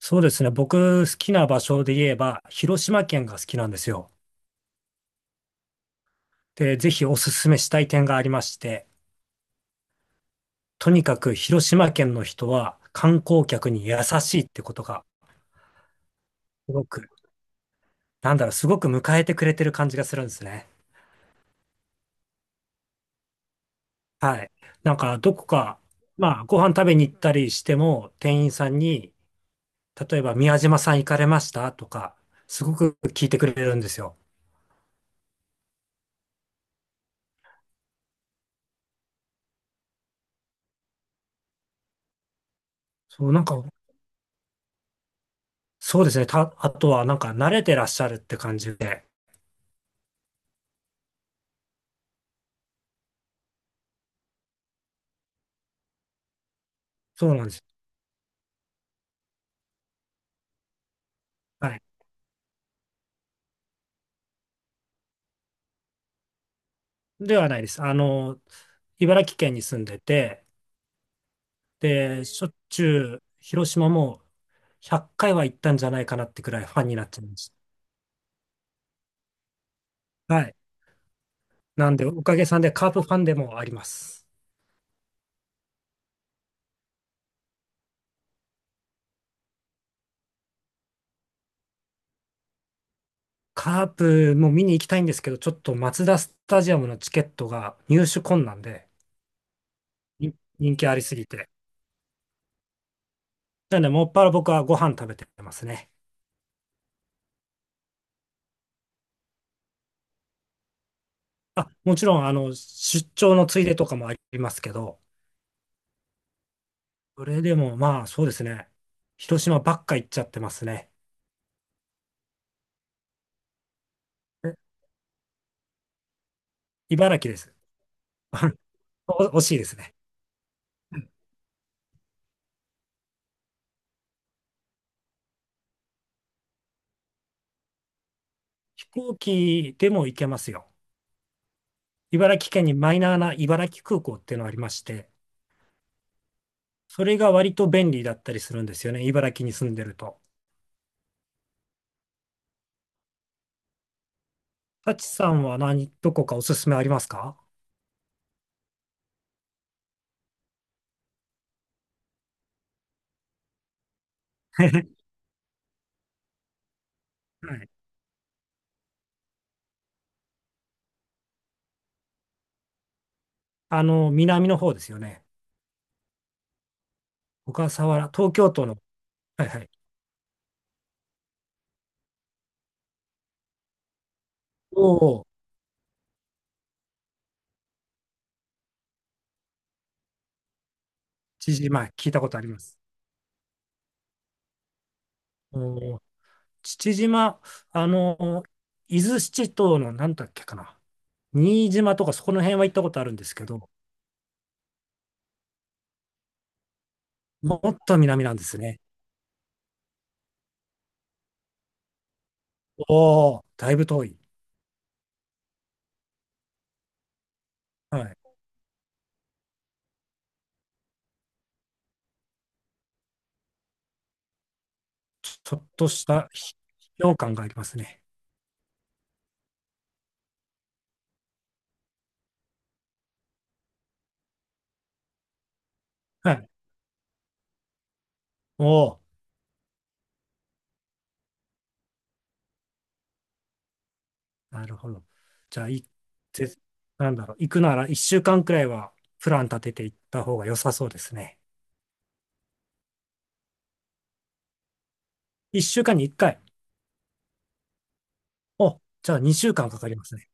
そうですね。僕、好きな場所で言えば、広島県が好きなんですよ。で、ぜひおすすめしたい点がありまして、とにかく広島県の人は観光客に優しいってことが、すごく、すごく迎えてくれてる感じがするんですね。はい。なんか、どこか、まあ、ご飯食べに行ったりしても、店員さんに、例えば、宮島さん行かれましたとか、すごく聞いてくれるんですよ。そう、なんか、そうですね。あとは、慣れてらっしゃるって感じで、そうなんです。はい、ではないです。あの、茨城県に住んでて、で、しょっちゅう広島も100回は行ったんじゃないかなってくらいファンになっちゃいました。はい。なんで、おかげさんでカープファンでもあります。カープも見に行きたいんですけど、ちょっとマツダスタジアムのチケットが入手困難で、人気ありすぎて。なので、もっぱら僕はご飯食べてますね。あ、もちろん、あの、出張のついでとかもありますけど、それでもまあ、そうですね。広島ばっか行っちゃってますね。茨城です。お惜しいですね。飛行機でも行けますよ。茨城県にマイナーな茨城空港っていうのがありまして、それが割と便利だったりするんですよね。茨城に住んでると。タチさんは何、どこかおすすめありますか？ はい、あの、南の方ですよね。小笠原、東京都の、はいはい。おお、父島、聞いたことあります。おー、父島、あの、伊豆七島の何だっけかな。新島とかそこの辺は行ったことあるんですけど、もっと南なんですね。おお、だいぶ遠い。はい。ちょっとした秘境感がありますね。はい。おお、なるほど。じゃあ、い、ぜ、なんだろう、行くなら1週間くらいはプラン立てていった方が良さそうですね。1週間に1回。お、じゃあ2週間かんかかりますね。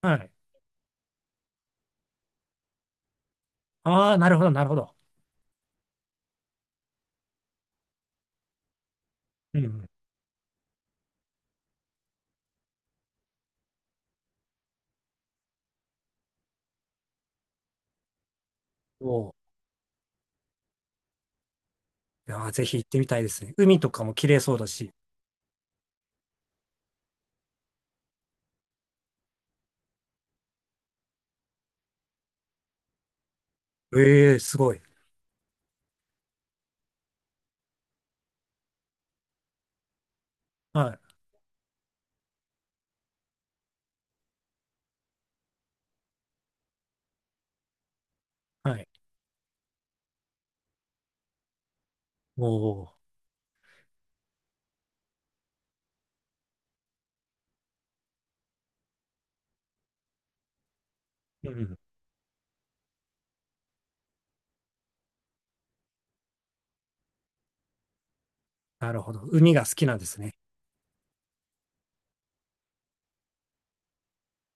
はい。ああ、なるほど、なるほど。うん。おお、いやー、ぜひ行ってみたいですね。海とかも綺麗そうだし。ええ、すごい。はい、はい。おお、うん。なるほど。海が好きなんですね。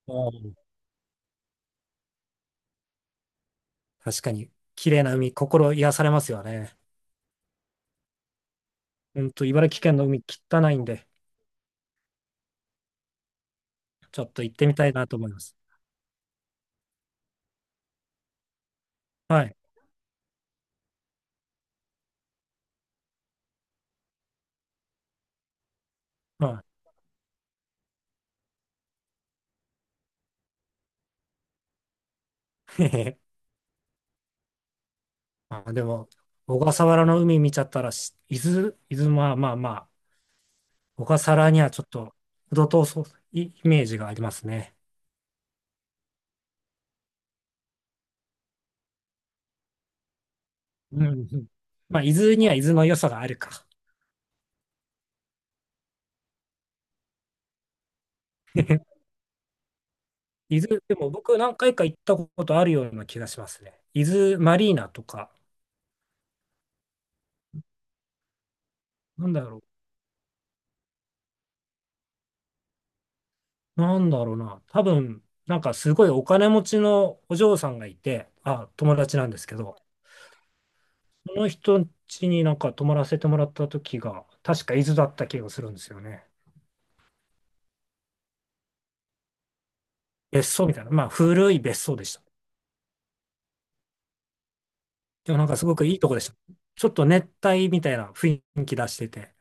おお。確かに、綺麗な海、心癒されますよね。うんと、茨城県の海、汚いんで、ちょっと行ってみたいなと思います。はい。はい。へへへ、あ、でも、小笠原の海見ちゃったらし、伊豆、まあまあまあ、小笠原にはちょっと、程遠そう、イメージがありますね。うんうん、まあ、伊豆には伊豆の良さがあるか。伊豆、でも僕何回か行ったことあるような気がしますね。伊豆マリーナとか、なんだろう。なんだろうな。多分、なんかすごいお金持ちのお嬢さんがいて、あ、友達なんですけど、その人ん家になんか泊まらせてもらった時が、確か伊豆だった気がするんですよね。別荘みたいな。まあ古い別荘でした。でもなんかすごくいいとこでした。ちょっと熱帯みたいな雰囲気出してて。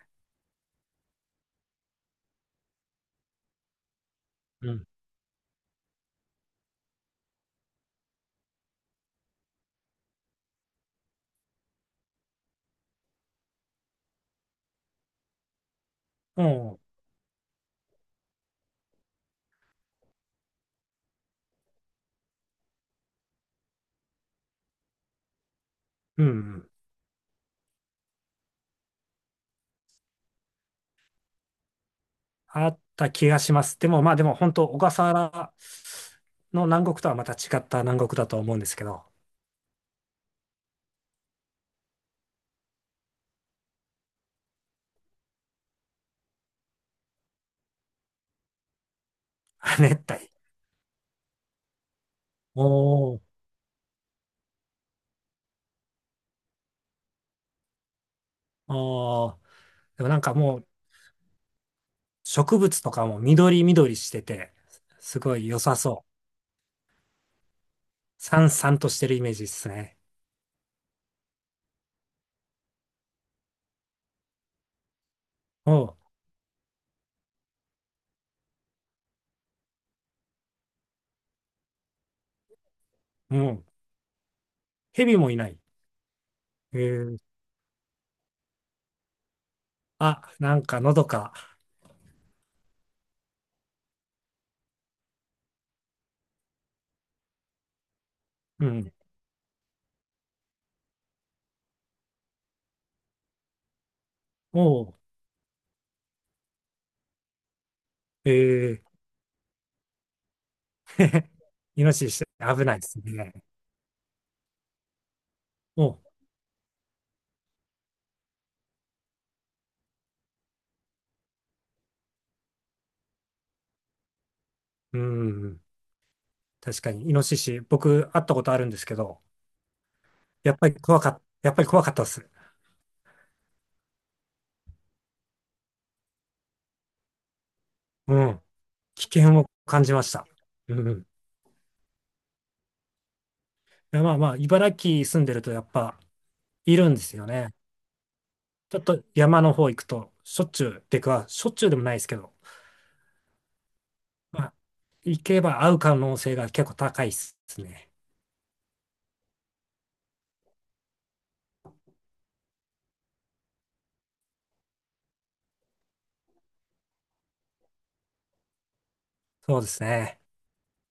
うん。もう、うん。あった気がします。でもまあでも本当、小笠原の南国とはまた違った南国だと思うんですけど、熱帯。おー。ああ。でもなんかもう植物とかも緑緑してて、すごい良さそう。さんさんとしてるイメージですね。おう、もう蛇もいない。えー、あ、なんかのどか。うん。おう、えー、イノシシ危ないですね。おう、うん。確かに、イノシシ、僕会ったことあるんですけど、やっぱり怖かったです。うん。危険を感じました。うん。いや、まあまあ、茨城住んでるとやっぱいるんですよね。ちょっと山の方行くと、しょっちゅうでもないですけど、まあ、行けば会う可能性が結構高いですね。そうですね。